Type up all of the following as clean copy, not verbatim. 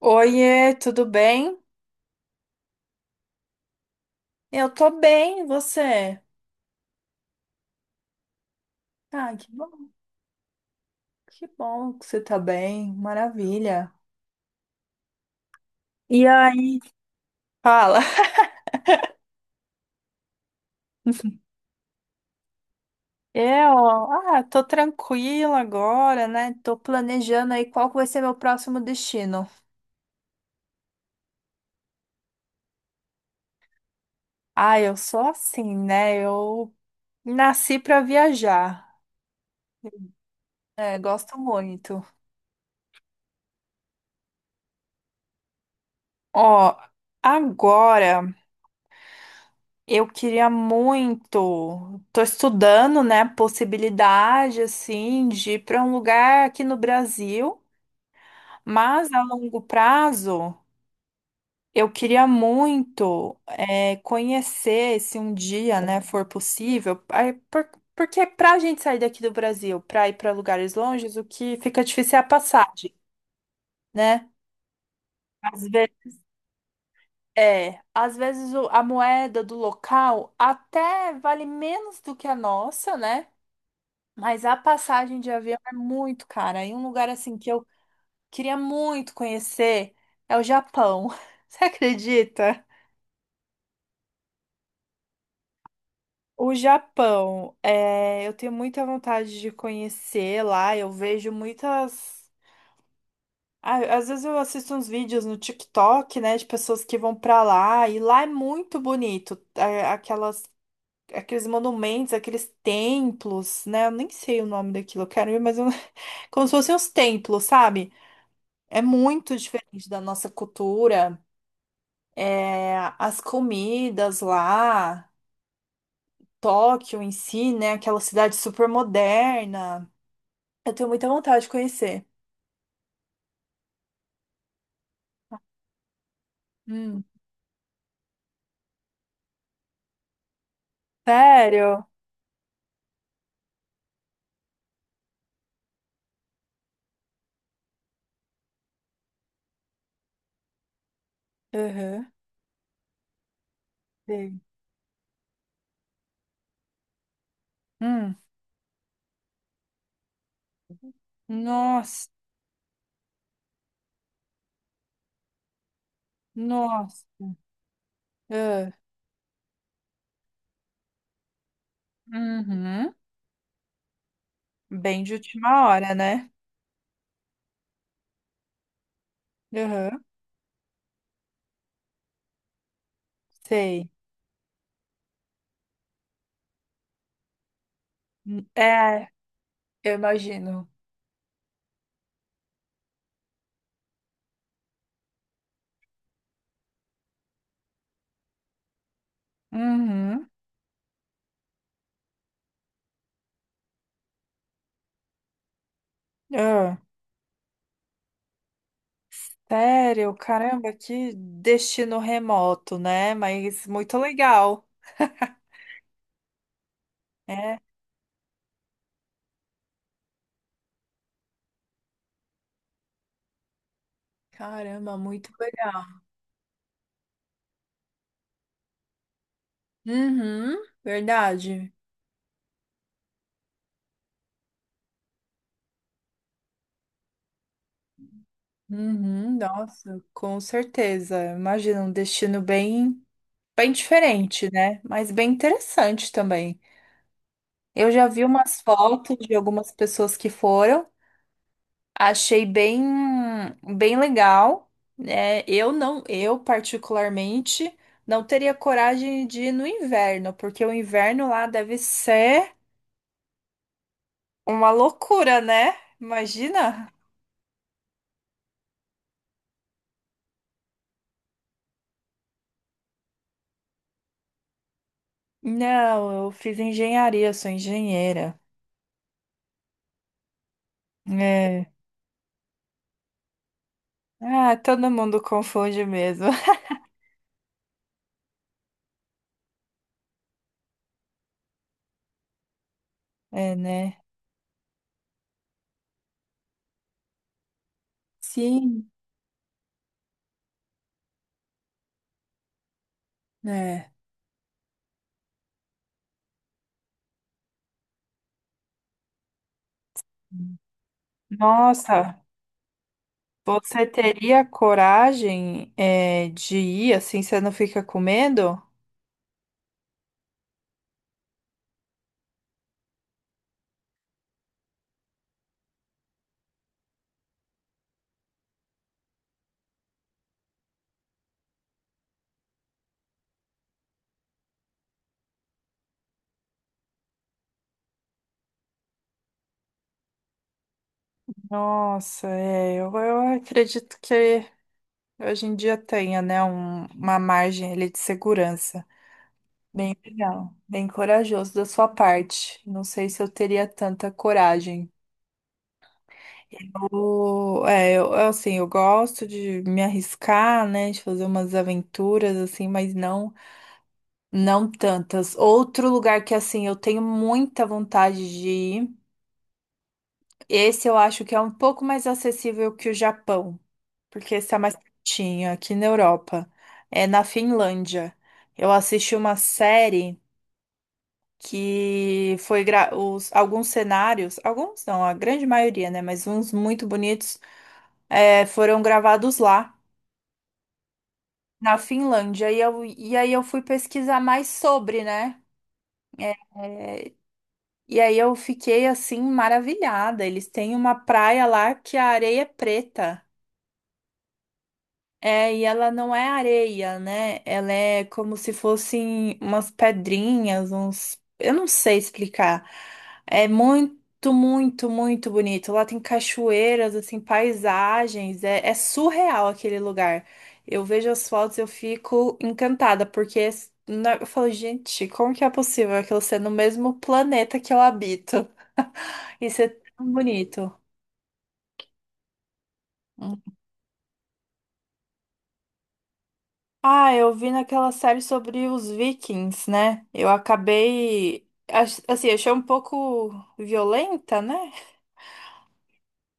Oiê, tudo bem? Eu tô bem, e você? Ah, que bom, que bom que você tá bem, maravilha. E aí? Fala. Tô tranquila agora, né? Tô planejando aí qual que vai ser meu próximo destino. Ah, eu sou assim, né? Eu nasci pra viajar. É, gosto muito. Ó, agora. Eu queria muito. Tô estudando, né, a possibilidade assim de ir para um lugar aqui no Brasil, mas a longo prazo eu queria muito é, conhecer, se um dia, né, for possível, aí, porque para a gente sair daqui do Brasil, para ir para lugares longes, o que fica difícil é a passagem, né? Às vezes, é, às vezes a moeda do local até vale menos do que a nossa, né? Mas a passagem de avião é muito cara. E um lugar assim que eu queria muito conhecer é o Japão. Você acredita? O Japão, é, eu tenho muita vontade de conhecer lá. Eu vejo muitas. Ah, às vezes eu assisto uns vídeos no TikTok, né, de pessoas que vão pra lá. E lá é muito bonito. É, aquelas, aqueles monumentos, aqueles templos, né? Eu nem sei o nome daquilo. Eu quero ir, mas eu... como se fossem os templos, sabe? É muito diferente da nossa cultura. É, as comidas lá, Tóquio em si, né? Aquela cidade super moderna. Eu tenho muita vontade de conhecer. Hum. Sério? Uhum. Bem. Hum. Nossa, nossa. Ah, uhum. Bem de última hora, né? Uhum. Sei. É, eu imagino. Uhum. Ah. Sério, caramba, que destino remoto, né? Mas muito legal. É, caramba, muito legal. Uhum, verdade. Uhum, nossa, com certeza. Imagina um destino bem, bem diferente, né? Mas bem interessante também. Eu já vi umas fotos de algumas pessoas que foram. Achei bem, bem legal, né? Eu particularmente não teria coragem de ir no inverno, porque o inverno lá deve ser uma loucura, né? Imagina? Não, eu fiz engenharia, sou engenheira. É. Ah, todo mundo confunde mesmo. É, né? Sim, né? Nossa, você teria coragem, é, de ir assim, você não fica com medo? Nossa, é, eu acredito que hoje em dia tenha, né, uma margem ali de segurança. Bem legal, bem corajoso da sua parte. Não sei se eu teria tanta coragem. Eu, é, eu, assim, eu gosto de me arriscar, né, de fazer umas aventuras, assim, mas não, não tantas. Outro lugar que, assim, eu tenho muita vontade de ir, esse eu acho que é um pouco mais acessível que o Japão, porque está mais pertinho, aqui na Europa. É na Finlândia. Eu assisti uma série que foi os, alguns cenários, alguns não, a grande maioria, né? Mas uns muito bonitos, é, foram gravados lá, na Finlândia. E, eu, e aí eu fui pesquisar mais sobre, né? É, é, e aí eu fiquei assim maravilhada. Eles têm uma praia lá que a areia é preta. É, e ela não é areia, né? Ela é como se fossem umas pedrinhas, uns. Eu não sei explicar. É muito, muito, muito bonito. Lá tem cachoeiras, assim, paisagens. É, é surreal aquele lugar. Eu vejo as fotos, eu fico encantada, porque eu falo, gente, como que é possível aquilo ser no mesmo planeta que eu habito? Isso é tão bonito. Ah, eu vi naquela série sobre os Vikings, né? Eu acabei. Assim, achei um pouco violenta, né?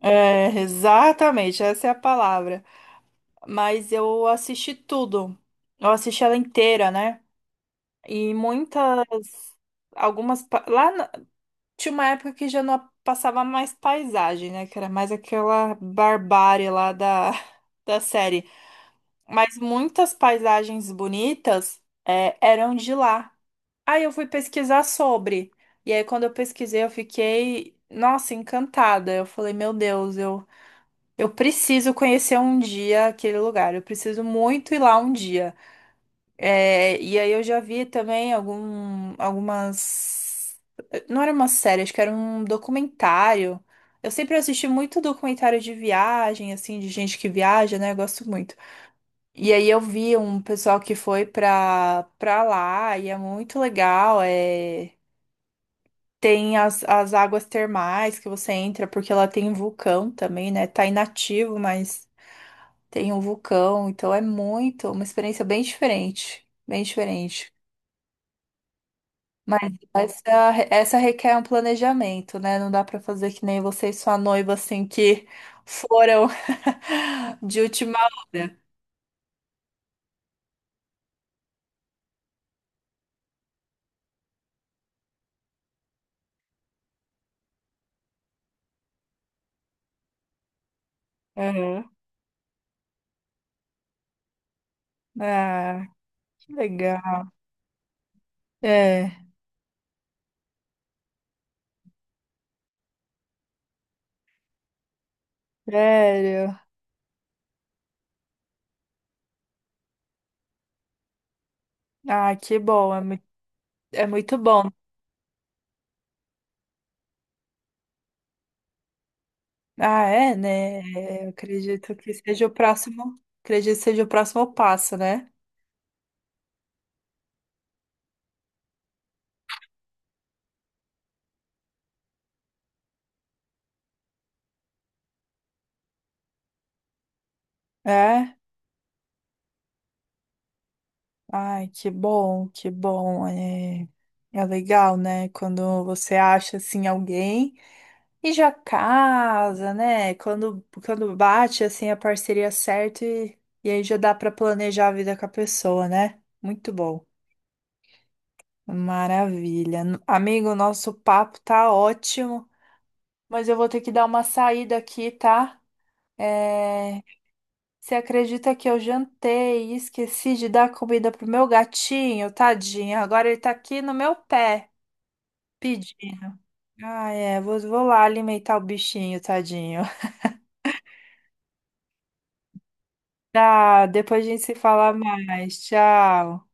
É, exatamente, essa é a palavra. Mas eu assisti tudo. Eu assisti ela inteira, né? E muitas. Algumas. Lá tinha uma época que já não passava mais paisagem, né? Que era mais aquela barbárie lá da, da série. Mas muitas paisagens bonitas, é, eram de lá. Aí eu fui pesquisar sobre. E aí, quando eu pesquisei, eu fiquei, nossa, encantada. Eu falei, meu Deus, eu preciso conhecer um dia aquele lugar. Eu preciso muito ir lá um dia. É, e aí eu já vi também algumas. Não era uma série, acho que era um documentário. Eu sempre assisti muito documentário de viagem, assim, de gente que viaja, né? Eu gosto muito. E aí eu vi um pessoal que foi pra lá e é muito legal. É... Tem as, as águas termais que você entra, porque ela tem um vulcão também, né? Tá inativo, mas tem um vulcão, então é muito, uma experiência bem diferente, bem diferente. Mas essa requer um planejamento, né? Não dá pra fazer que nem você e sua noiva, assim, que foram de última hora. Uhum. Ah, que legal. É, sério. Ah, que bom, é muito bom. Ah, é, né? Eu acredito que seja o próximo, acredito que seja o próximo passo, né? É. Ai, que bom, que bom. É, é legal, né? Quando você acha assim alguém e já casa, né? Quando bate assim a parceria certa e aí já dá para planejar a vida com a pessoa, né? Muito bom. Maravilha. Amigo, nosso papo tá ótimo, mas eu vou ter que dar uma saída aqui, tá? É, você acredita que eu jantei e esqueci de dar comida pro meu gatinho, tadinho? Agora ele tá aqui no meu pé pedindo. Ah, é, vou, vou lá alimentar o bichinho, tadinho. Tá, depois a gente se fala mais. Tchau.